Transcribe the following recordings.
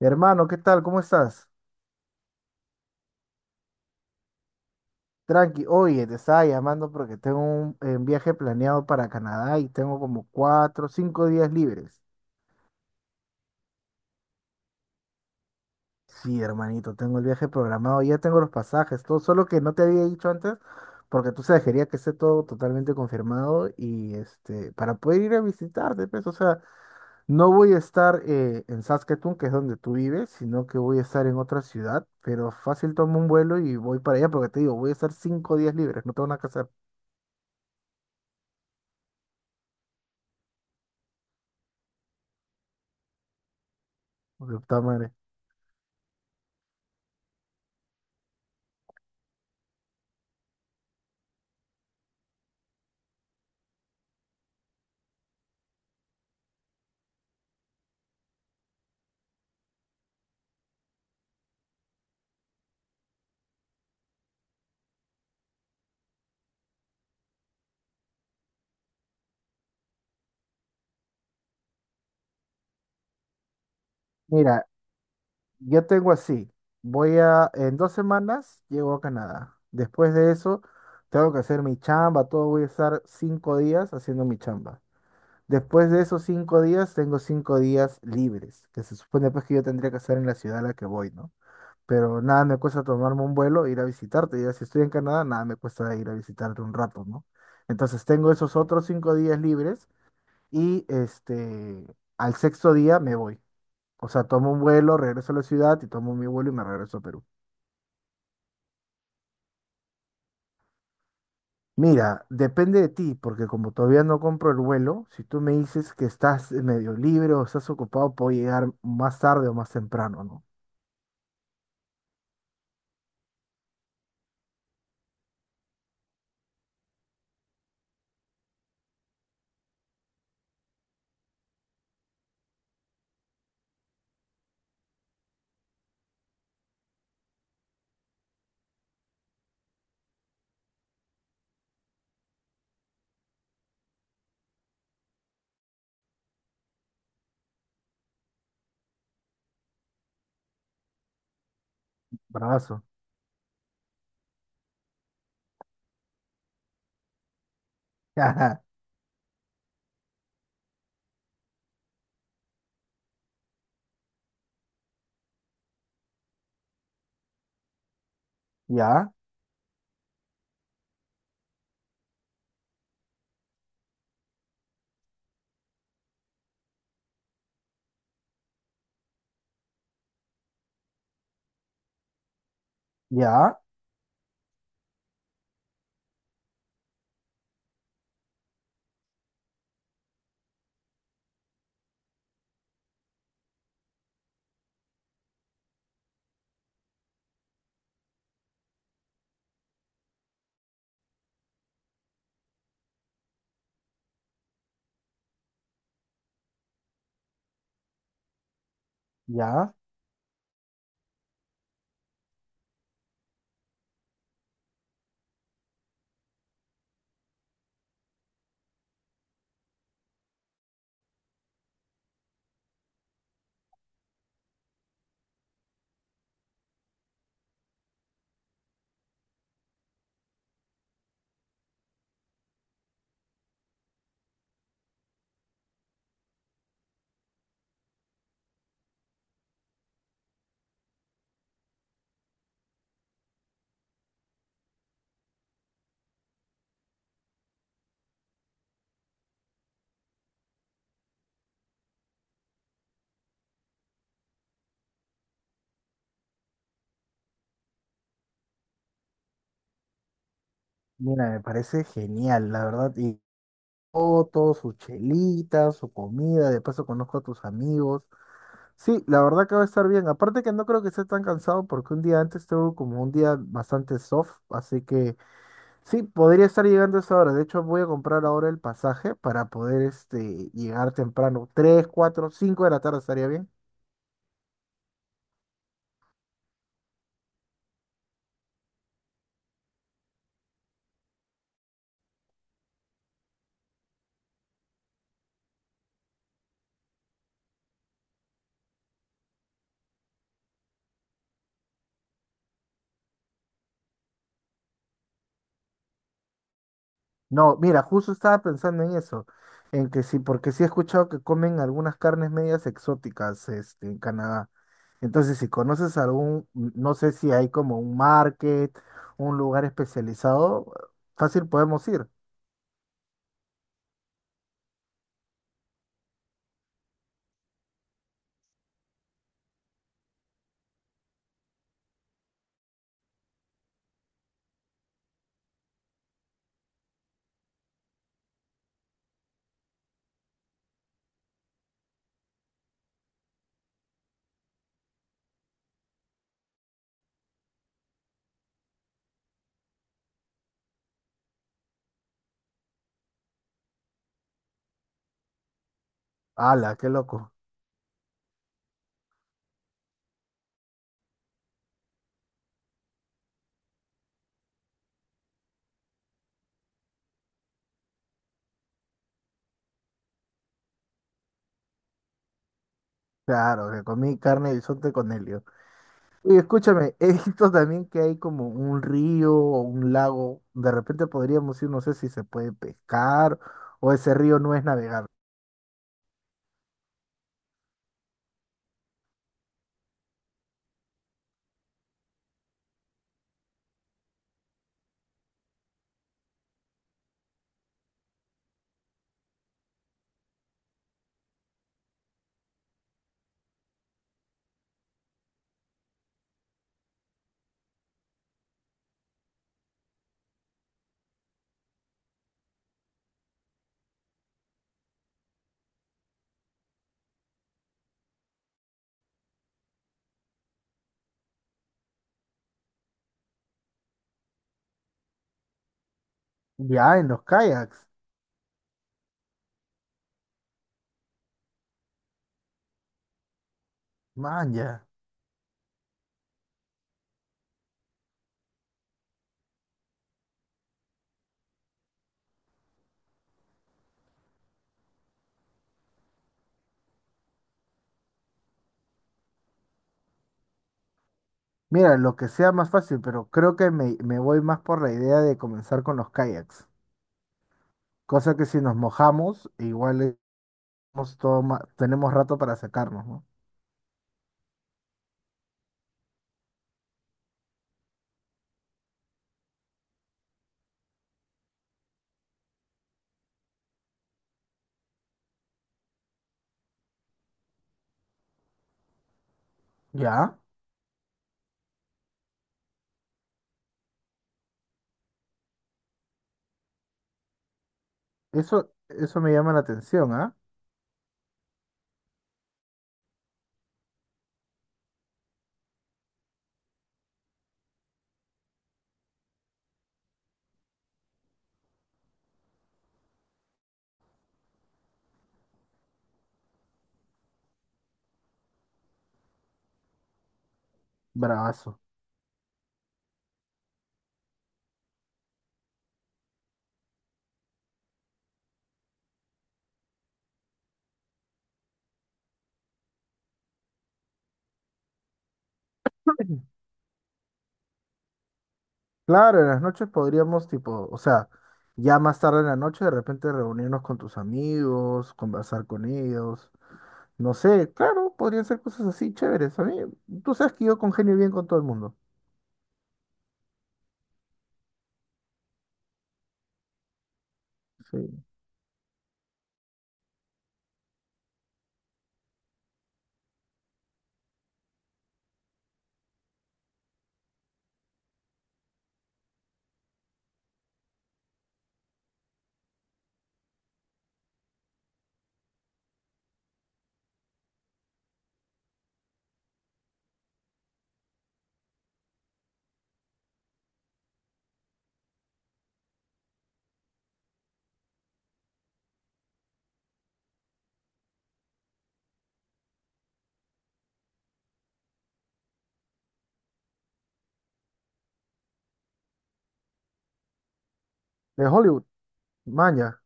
Hermano, ¿qué tal? ¿Cómo estás? Tranqui, oye, te estaba llamando porque tengo un viaje planeado para Canadá y tengo como cuatro, cinco días libres. Sí, hermanito, tengo el viaje programado, ya tengo los pasajes, todo, solo que no te había dicho antes, porque tú sabes, quería que esté todo totalmente confirmado y este, para poder ir a visitarte, pues, o sea, no voy a estar en Saskatoon, que es donde tú vives, sino que voy a estar en otra ciudad, pero fácil tomo un vuelo y voy para allá, porque te digo, voy a estar cinco días libres, no tengo nada que hacer. Porque puta madre. Mira, yo tengo así. En dos semanas llego a Canadá. Después de eso, tengo que hacer mi chamba, todo. Voy a estar cinco días haciendo mi chamba. Después de esos cinco días, tengo cinco días libres, que se supone pues que yo tendría que estar en la ciudad a la que voy, ¿no? Pero nada me cuesta tomarme un vuelo, e ir a visitarte. Ya si estoy en Canadá, nada me cuesta ir a visitarte un rato, ¿no? Entonces tengo esos otros cinco días libres y este, al sexto día me voy. O sea, tomo un vuelo, regreso a la ciudad y tomo mi vuelo y me regreso a Perú. Mira, depende de ti, porque como todavía no compro el vuelo, si tú me dices que estás medio libre o estás ocupado, puedo llegar más tarde o más temprano, ¿no? Bravazo. Ya, ya, ya. Mira, me parece genial, la verdad. Y fotos, su chelita, su comida, de paso conozco a tus amigos. Sí, la verdad que va a estar bien. Aparte que no creo que esté tan cansado porque un día antes tuve como un día bastante soft, así que sí, podría estar llegando a esa hora. De hecho, voy a comprar ahora el pasaje para poder este, llegar temprano. 3, 4, 5 de la tarde estaría bien. No, mira, justo estaba pensando en eso. En que sí, porque sí he escuchado que comen algunas carnes medias exóticas este, en Canadá. Entonces, si conoces algún, mm, no sé si hay como un market, un lugar especializado, fácil podemos ir. ¡Hala, qué loco! Claro, que comí carne de bisonte con helio. Oye, escúchame, he visto también que hay como un río o un lago. De repente podríamos ir, no sé si se puede pescar o ese río no es navegable. Ya, en los kayaks. Man, ya. Mira, lo que sea más fácil, pero creo que me voy más por la idea de comenzar con los kayaks. Cosa que si nos mojamos, igual estamos todo ma- tenemos rato para sacarnos, ¿no? Ya. Eso me llama la atención, ¿ah? Bravazo. Claro, en las noches podríamos, tipo, o sea, ya más tarde en la noche de repente reunirnos con tus amigos, conversar con ellos. No sé, claro, podrían ser cosas así chéveres. A mí, tú sabes que yo congenio bien con todo el mundo. Sí. De Hollywood, maña.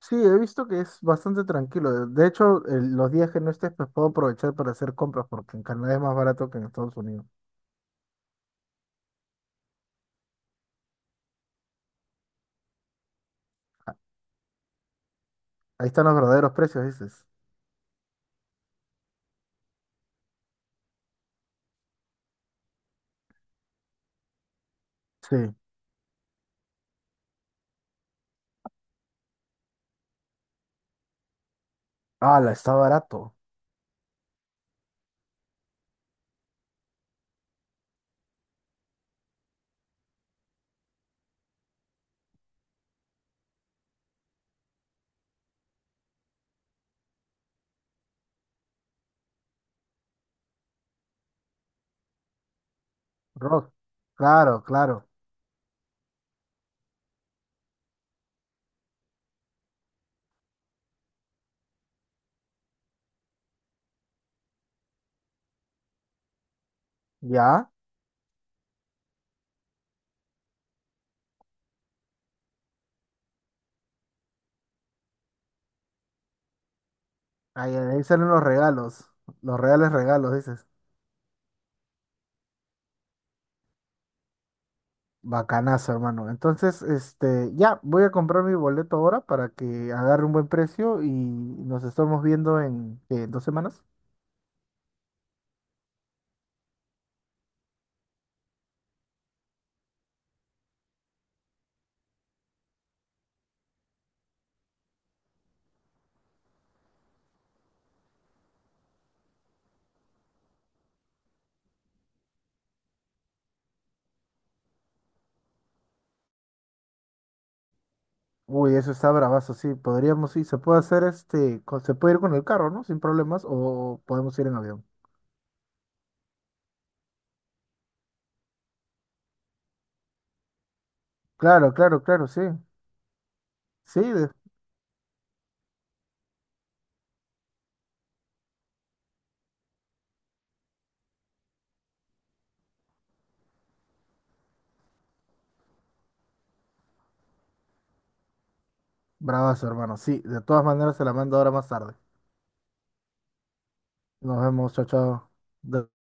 Sí, he visto que es bastante tranquilo. De hecho, el- los días que no estés, pues puedo aprovechar para hacer compras, porque en Canadá es más barato que en Estados Unidos. Ahí están los verdaderos precios, dices. Sí. Ah, la está barato. Rock. Claro, claro. ¿Ya? Ahí, ahí salen los regalos, los reales regalos, dices. Bacanazo, hermano. Entonces, este, ya, voy a comprar mi boleto ahora para que agarre un buen precio y nos estamos viendo en, ¿qué? Dos semanas. Uy, eso está bravazo, sí. Podríamos, sí, se puede hacer este, con- se puede ir con el carro, ¿no? Sin problemas, o podemos ir en avión. Claro, claro, claro, sí. Sí, de- bravazo, hermano. Sí, de todas maneras se la mando ahora más tarde. Nos vemos, chao, chao.